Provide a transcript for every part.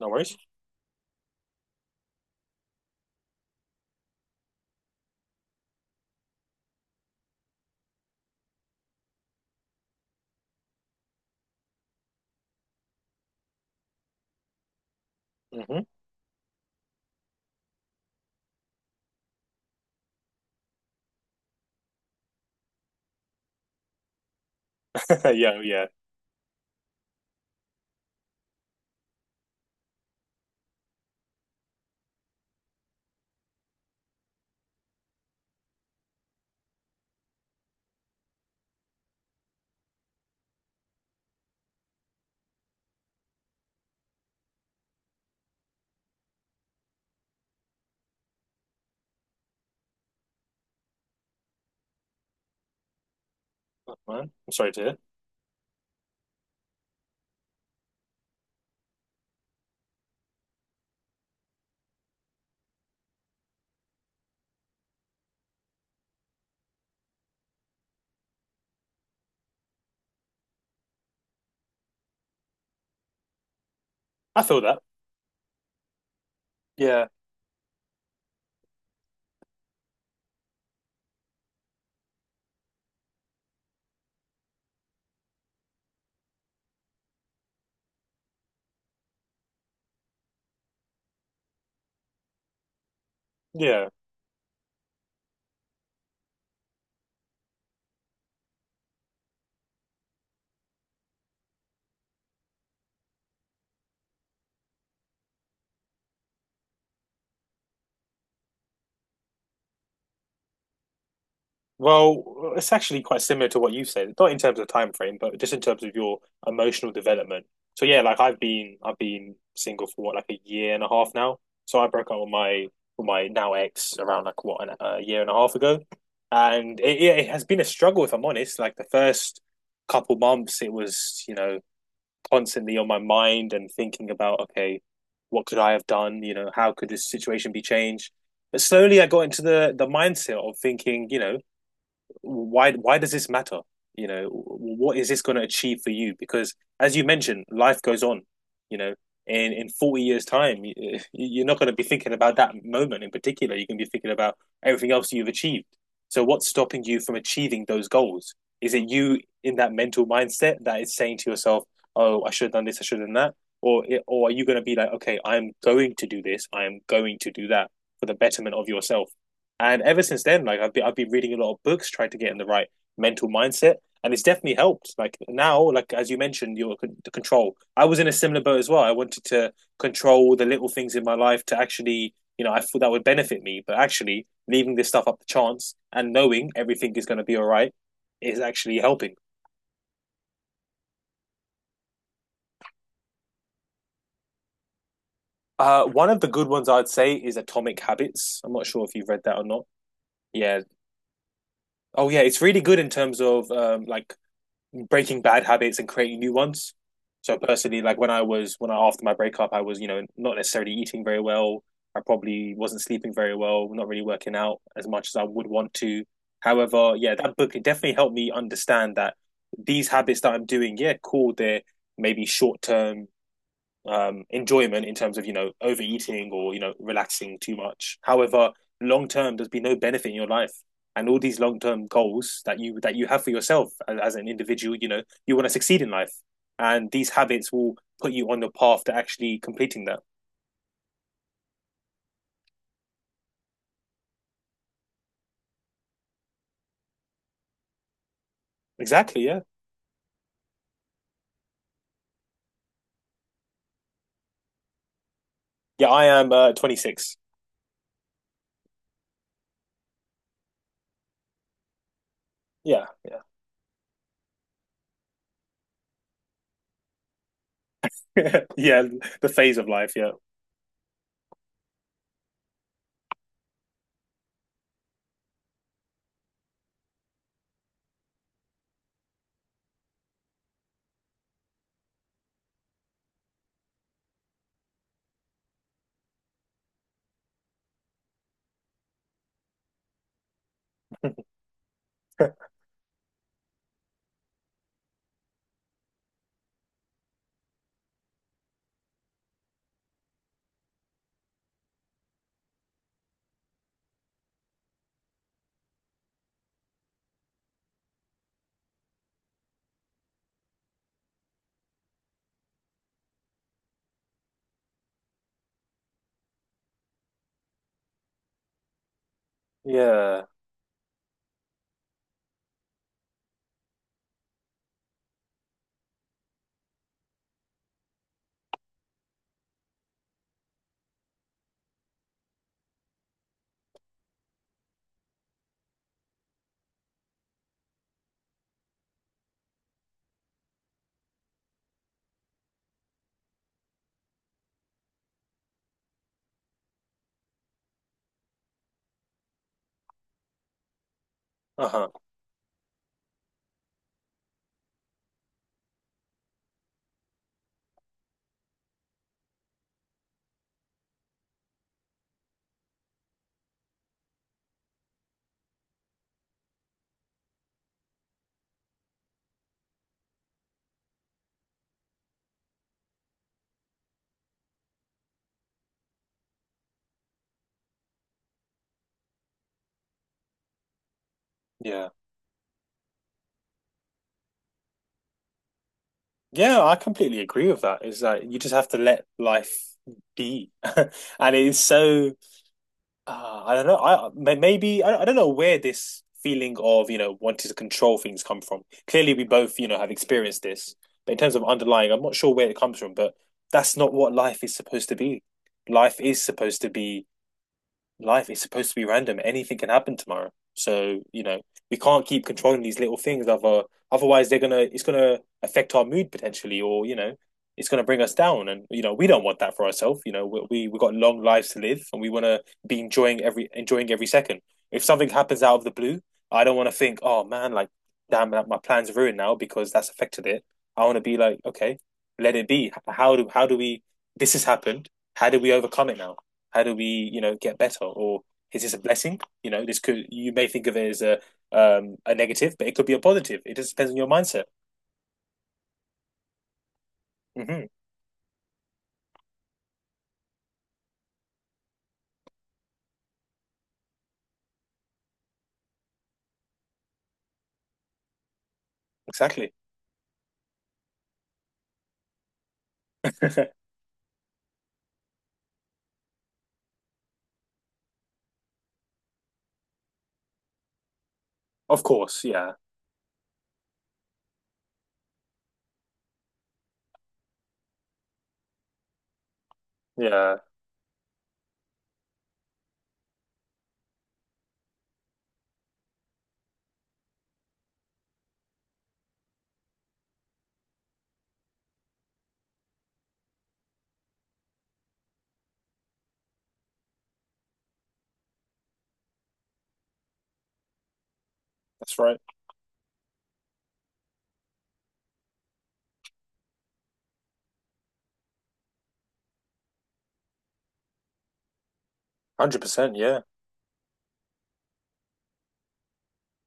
No worries. Hmm. Yeah, yeah. That's fine. I'm sorry to hear. I feel that. Yeah, yeah. Well, it's actually quite similar to what you said, not in terms of time frame, but just in terms of your emotional development. So yeah, like I've been single for what, like a year and a half now. So I broke up with my now ex around like what an, a year and a half ago, and it has been a struggle if I'm honest. Like the first couple months, it was constantly on my mind and thinking about, okay, what could I have done? You know, how could this situation be changed? But slowly I got into the mindset of thinking, you know, why does this matter? You know, what is this going to achieve for you? Because as you mentioned, life goes on. You know, in 40 years' time, you are not going to be thinking about that moment in particular. You're going to be thinking about everything else you've achieved. So, what's stopping you from achieving those goals? Is it you in that mental mindset that is saying to yourself, "Oh, I should have done this. I should have done that." Or are you going to be like, okay, I'm going to do this, I am going to do that for the betterment of yourself? And ever since then, like I've been reading a lot of books trying to get in the right mental mindset, and it's definitely helped. Like now, like as you mentioned, your the control. I was in a similar boat as well. I wanted to control the little things in my life to actually, you know, I thought that would benefit me, but actually leaving this stuff up to chance and knowing everything is going to be all right is actually helping. One of the good ones I'd say is Atomic Habits. I'm not sure if you've read that or not. Yeah. Oh, yeah. It's really good in terms of like breaking bad habits and creating new ones. So personally, like when I after my breakup, I was not necessarily eating very well. I probably wasn't sleeping very well, not really working out as much as I would want to. However, yeah, that book definitely helped me understand that these habits that I'm doing, yeah, cool, they're maybe short term enjoyment in terms of overeating or relaxing too much. However, long term, there's been no benefit in your life, and all these long term goals that you have for yourself as an individual, you know, you want to succeed in life, and these habits will put you on the path to actually completing that. Exactly. Yeah. Yeah. I am 26. Yeah. Yeah. yeah. The phase of life. Yeah. yeah. Uh huh. Yeah. Yeah, I completely agree with that. It's like you just have to let life be, and it is so I don't know. Maybe I don't know where this feeling of wanting to control things come from. Clearly, we both have experienced this, but in terms of underlying, I'm not sure where it comes from. But that's not what life is supposed to be. Life is supposed to be life is supposed to be random. Anything can happen tomorrow. So, you know, we can't keep controlling these little things otherwise they're gonna it's gonna affect our mood potentially or, you know, it's gonna bring us down. And, you know, we don't want that for ourselves. You know, we got long lives to live and we wanna be enjoying every second. If something happens out of the blue, I don't wanna think, oh man, like damn like, my plan's ruined now because that's affected it. I wanna be like, okay, let it be. How do we this has happened. How do we overcome it now? How do we, you know, get better? Or is this a blessing? You know, this could you may think of it as a negative, but it could be a positive. It just depends on your mindset. Hmm, exactly. Of course, yeah, yeah, that's right. 100%, yeah.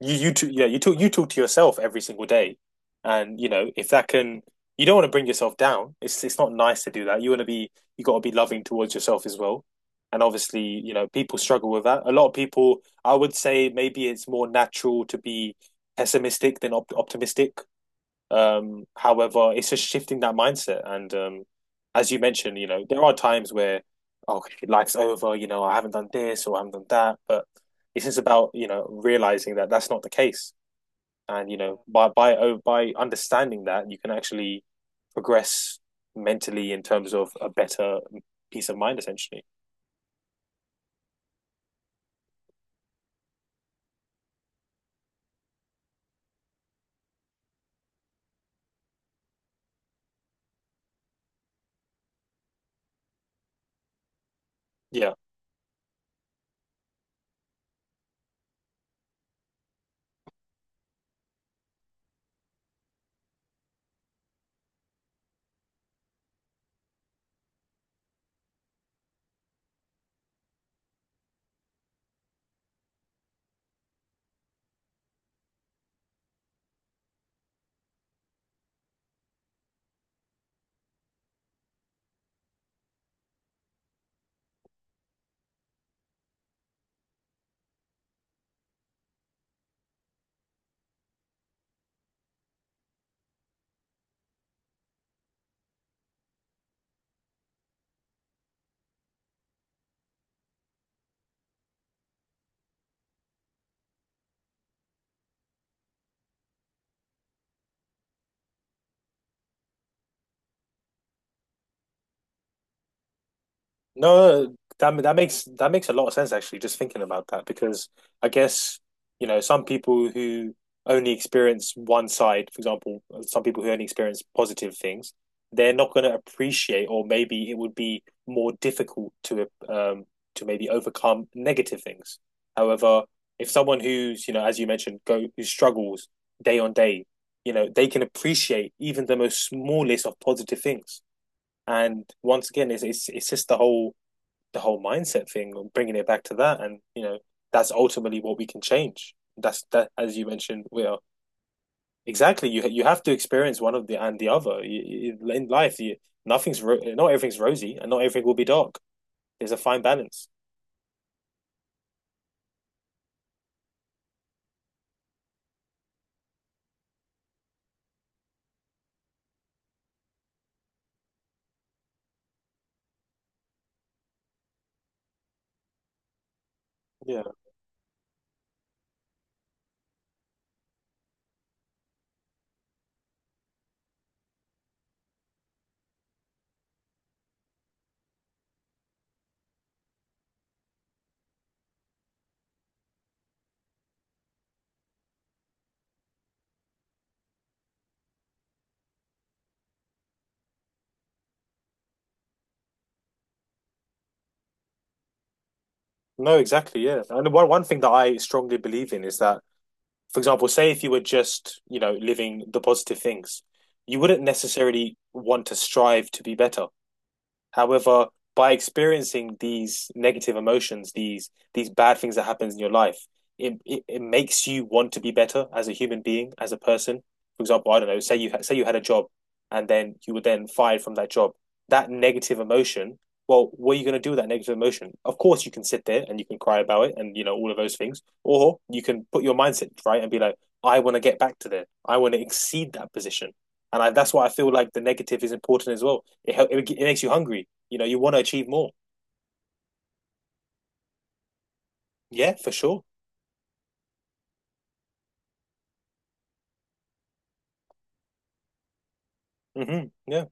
You talk to yourself every single day, and you know if that can, you don't want to bring yourself down. It's not nice to do that. You want to be you got to be loving towards yourself as well, and obviously you know people struggle with that. A lot of people, I would say, maybe it's more natural to be pessimistic than op optimistic. However, it's just shifting that mindset. And as you mentioned, you know, there are times where, oh, life's over, you know, I haven't done this or I haven't done that. But it's just about, you know, realizing that that's not the case. And, you know, by understanding that, you can actually progress mentally in terms of a better peace of mind, essentially. Yeah. No, that makes a lot of sense actually, just thinking about that, because I guess, you know, some people who only experience one side, for example, some people who only experience positive things, they're not going to appreciate, or maybe it would be more difficult to maybe overcome negative things. However, if someone who's, you know, as you mentioned, go who struggles day on day, you know, they can appreciate even the most smallest of positive things. And once again, it's just the whole mindset thing and bringing it back to that and you know that's ultimately what we can change that's that as you mentioned we are exactly you you have to experience one of the and the other you, you, in life you, nothing's not everything's rosy and not everything will be dark there's a fine balance yeah no exactly yeah and one thing that I strongly believe in is that for example say if you were just you know living the positive things you wouldn't necessarily want to strive to be better. However, by experiencing these negative emotions, these bad things that happens in your life, it makes you want to be better as a human being, as a person. For example, I don't know, say you had a job and then you were then fired from that job. That negative emotion, well, what are you going to do with that negative emotion? Of course, you can sit there and you can cry about it and you know all of those things, or you can put your mindset right and be like, I want to get back to there. I want to exceed that position and I, that's why I feel like the negative is important as well. It makes you hungry. You know, you want to achieve more. Yeah, for sure. Mm-hmm. Yeah.